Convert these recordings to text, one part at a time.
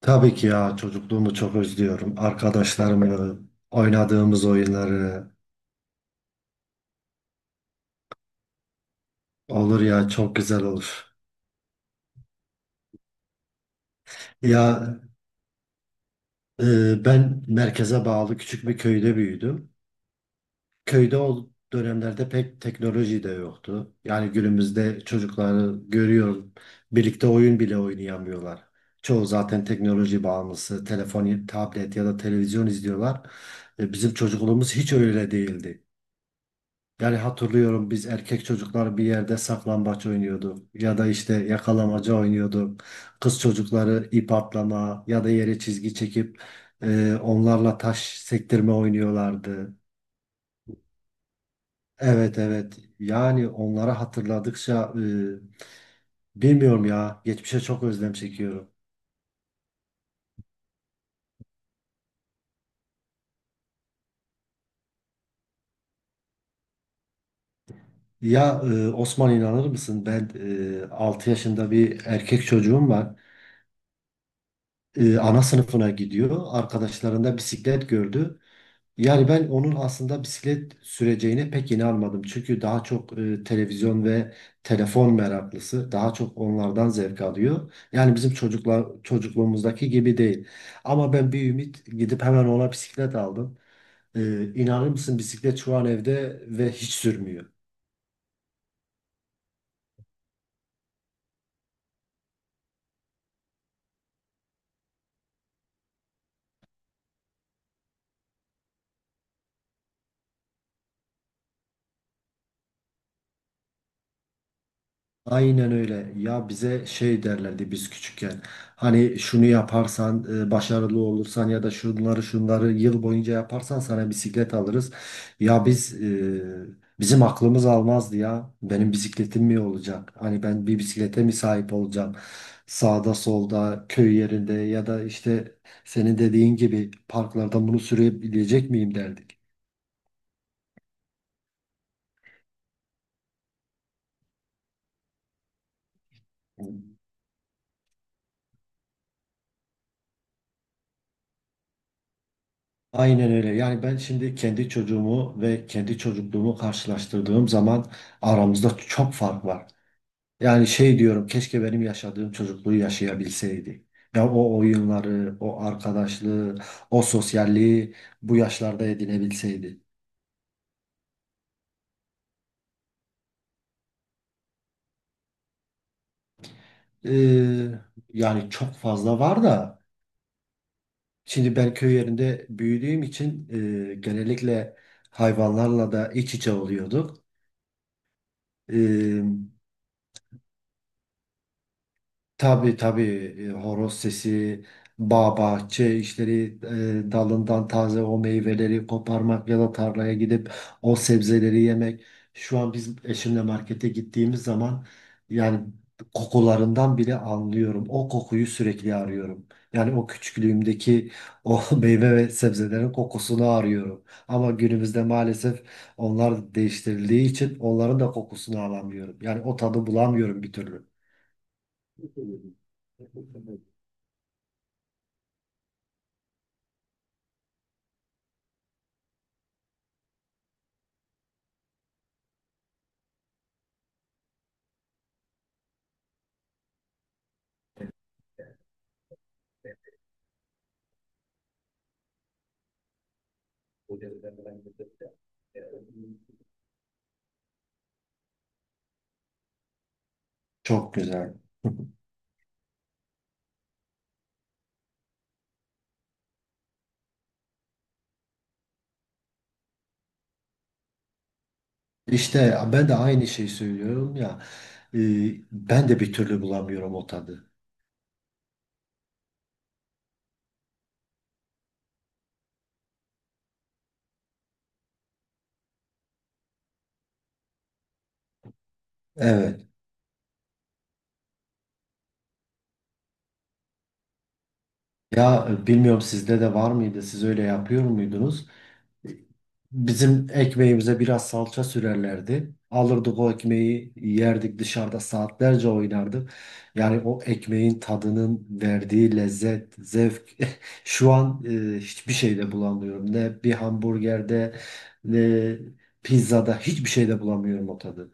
Tabii ki ya çocukluğumu çok özlüyorum. Arkadaşlarımı, oynadığımız oyunları olur ya çok güzel olur. Ya Ben merkeze bağlı küçük bir köyde büyüdüm. Köyde o dönemlerde pek teknoloji de yoktu. Yani günümüzde çocukları görüyorum. Birlikte oyun bile oynayamıyorlar. Çoğu zaten teknoloji bağımlısı, telefon, tablet ya da televizyon izliyorlar. Bizim çocukluğumuz hiç öyle değildi. Yani hatırlıyorum biz erkek çocuklar bir yerde saklambaç oynuyorduk ya da işte yakalamaca oynuyorduk. Kız çocukları ip atlama ya da yere çizgi çekip onlarla taş sektirme oynuyorlardı. Evet evet, yani onları hatırladıkça bilmiyorum ya, geçmişe çok özlem çekiyorum. Osman, inanır mısın ben 6 yaşında bir erkek çocuğum var. Ana sınıfına gidiyor, arkadaşlarında bisiklet gördü. Yani ben onun aslında bisiklet süreceğine pek inanmadım. Çünkü daha çok televizyon ve telefon meraklısı. Daha çok onlardan zevk alıyor. Yani bizim çocuklar çocukluğumuzdaki gibi değil. Ama ben bir ümit gidip hemen ona bisiklet aldım. İnanır mısın, bisiklet şu an evde ve hiç sürmüyor. Aynen öyle. Ya bize şey derlerdi biz küçükken. Hani şunu yaparsan, başarılı olursan ya da şunları şunları yıl boyunca yaparsan sana bisiklet alırız. Ya biz bizim aklımız almazdı ya. Benim bisikletim mi olacak? Hani ben bir bisiklete mi sahip olacağım? Sağda solda köy yerinde ya da işte senin dediğin gibi parklarda bunu sürebilecek miyim derdik. Aynen öyle. Yani ben şimdi kendi çocuğumu ve kendi çocukluğumu karşılaştırdığım zaman aramızda çok fark var. Yani şey diyorum, keşke benim yaşadığım çocukluğu yaşayabilseydi. Ya o oyunları, o arkadaşlığı, o sosyalliği bu yaşlarda edinebilseydi. Ee, Yani çok fazla var da şimdi ben köy yerinde büyüdüğüm için genellikle hayvanlarla da iç içe oluyorduk. Ee, Tabii tabii. Horoz sesi, bağ bahçe işleri, dalından taze o meyveleri koparmak ya da tarlaya gidip o sebzeleri yemek. Şu an biz eşimle markete gittiğimiz zaman yani kokularından bile anlıyorum. O kokuyu sürekli arıyorum. Yani o küçüklüğümdeki o meyve ve sebzelerin kokusunu arıyorum. Ama günümüzde maalesef onlar değiştirildiği için onların da kokusunu alamıyorum. Yani o tadı bulamıyorum bir türlü. Çok güzel. İşte ben de aynı şeyi söylüyorum ya. e, Ben de bir türlü bulamıyorum o tadı. Evet. Bilmiyorum, sizde de var mıydı? Siz öyle yapıyor muydunuz? Bizim ekmeğimize biraz salça sürerlerdi. Alırdık o ekmeği, yerdik, dışarıda saatlerce oynardık. Yani o ekmeğin tadının verdiği lezzet, zevk şu an hiçbir şeyde bulamıyorum. Ne bir hamburgerde ne pizzada, hiçbir şeyde bulamıyorum o tadı.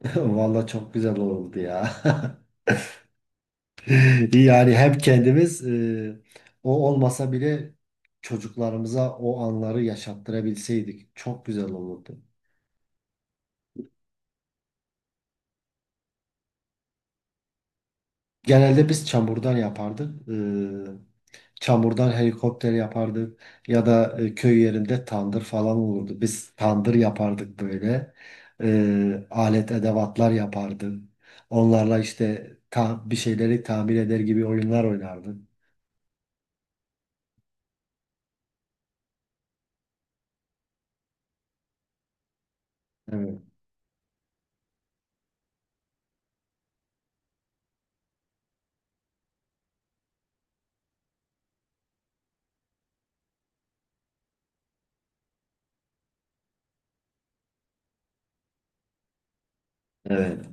Vallahi çok güzel oldu ya. Yani hem kendimiz, o olmasa bile çocuklarımıza o anları yaşattırabilseydik çok güzel olurdu. Genelde biz çamurdan yapardık. E, çamurdan helikopter yapardık ya da köy yerinde tandır falan olurdu. Biz tandır yapardık böyle. E, alet edevatlar yapardık. Onlarla işte bir şeyleri tamir eder gibi oyunlar oynardık. Evet. Evet.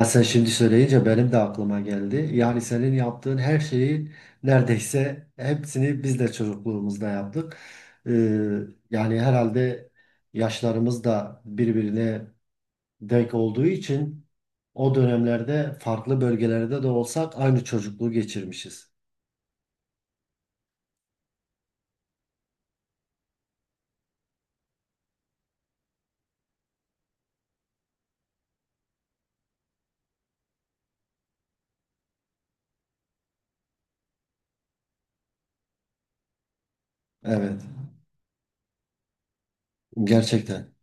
Ya sen şimdi söyleyince benim de aklıma geldi. Yani senin yaptığın her şeyi neredeyse hepsini biz de çocukluğumuzda yaptık. Ee, Yani herhalde yaşlarımız da birbirine denk olduğu için o dönemlerde farklı bölgelerde de olsak aynı çocukluğu geçirmişiz. Evet, gerçekten.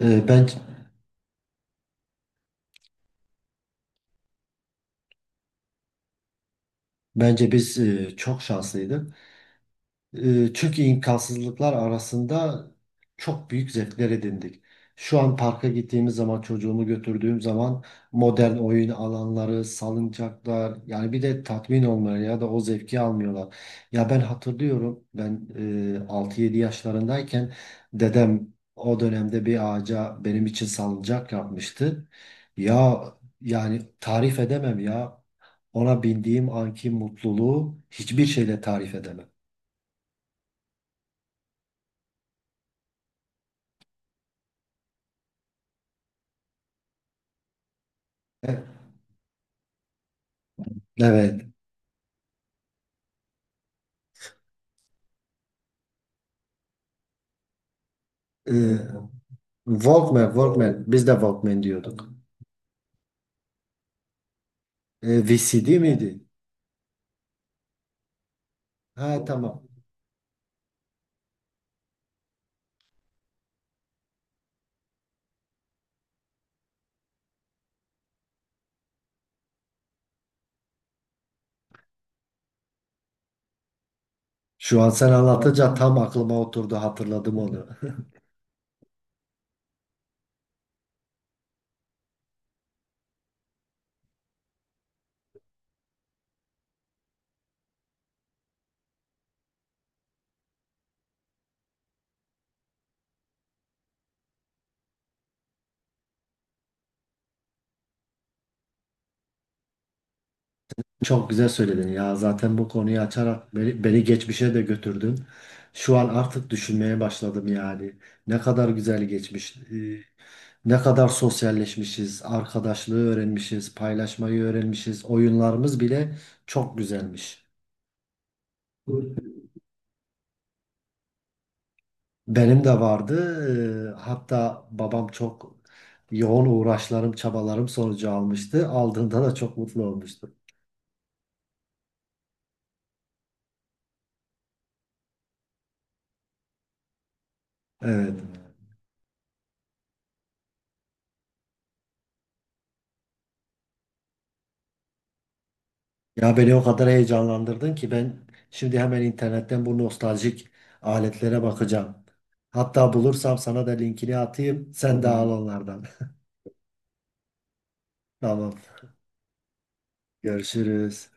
Ee, ben Bence biz çok şanslıydık. Türkiye imkansızlıklar arasında çok büyük zevkler edindik. Şu an parka gittiğimiz zaman, çocuğumu götürdüğüm zaman modern oyun alanları, salıncaklar, yani bir de tatmin olmuyor ya da o zevki almıyorlar. Ya ben hatırlıyorum, ben 6-7 yaşlarındayken dedem o dönemde bir ağaca benim için salıncak yapmıştı. Ya yani tarif edemem ya, ona bindiğim anki mutluluğu hiçbir şeyle tarif edemem. Evet. Ee, Walkman, Walkman. Biz de Walkman diyorduk. VCD miydi? Ha, tamam. Şu an sen anlatınca tam aklıma oturdu, hatırladım onu. Çok güzel söyledin ya. Zaten bu konuyu açarak beni geçmişe de götürdün. Şu an artık düşünmeye başladım yani. Ne kadar güzel geçmiş. Ne kadar sosyalleşmişiz, arkadaşlığı öğrenmişiz, paylaşmayı öğrenmişiz. Oyunlarımız bile çok güzelmiş. Benim de vardı. Hatta babam çok yoğun uğraşlarım, çabalarım sonucu almıştı. Aldığında da çok mutlu olmuştu. Evet. Ya beni o kadar heyecanlandırdın ki ben şimdi hemen internetten bu nostaljik aletlere bakacağım. Hatta bulursam sana da linkini atayım. Sen de al. Tamam, onlardan. Tamam. Görüşürüz.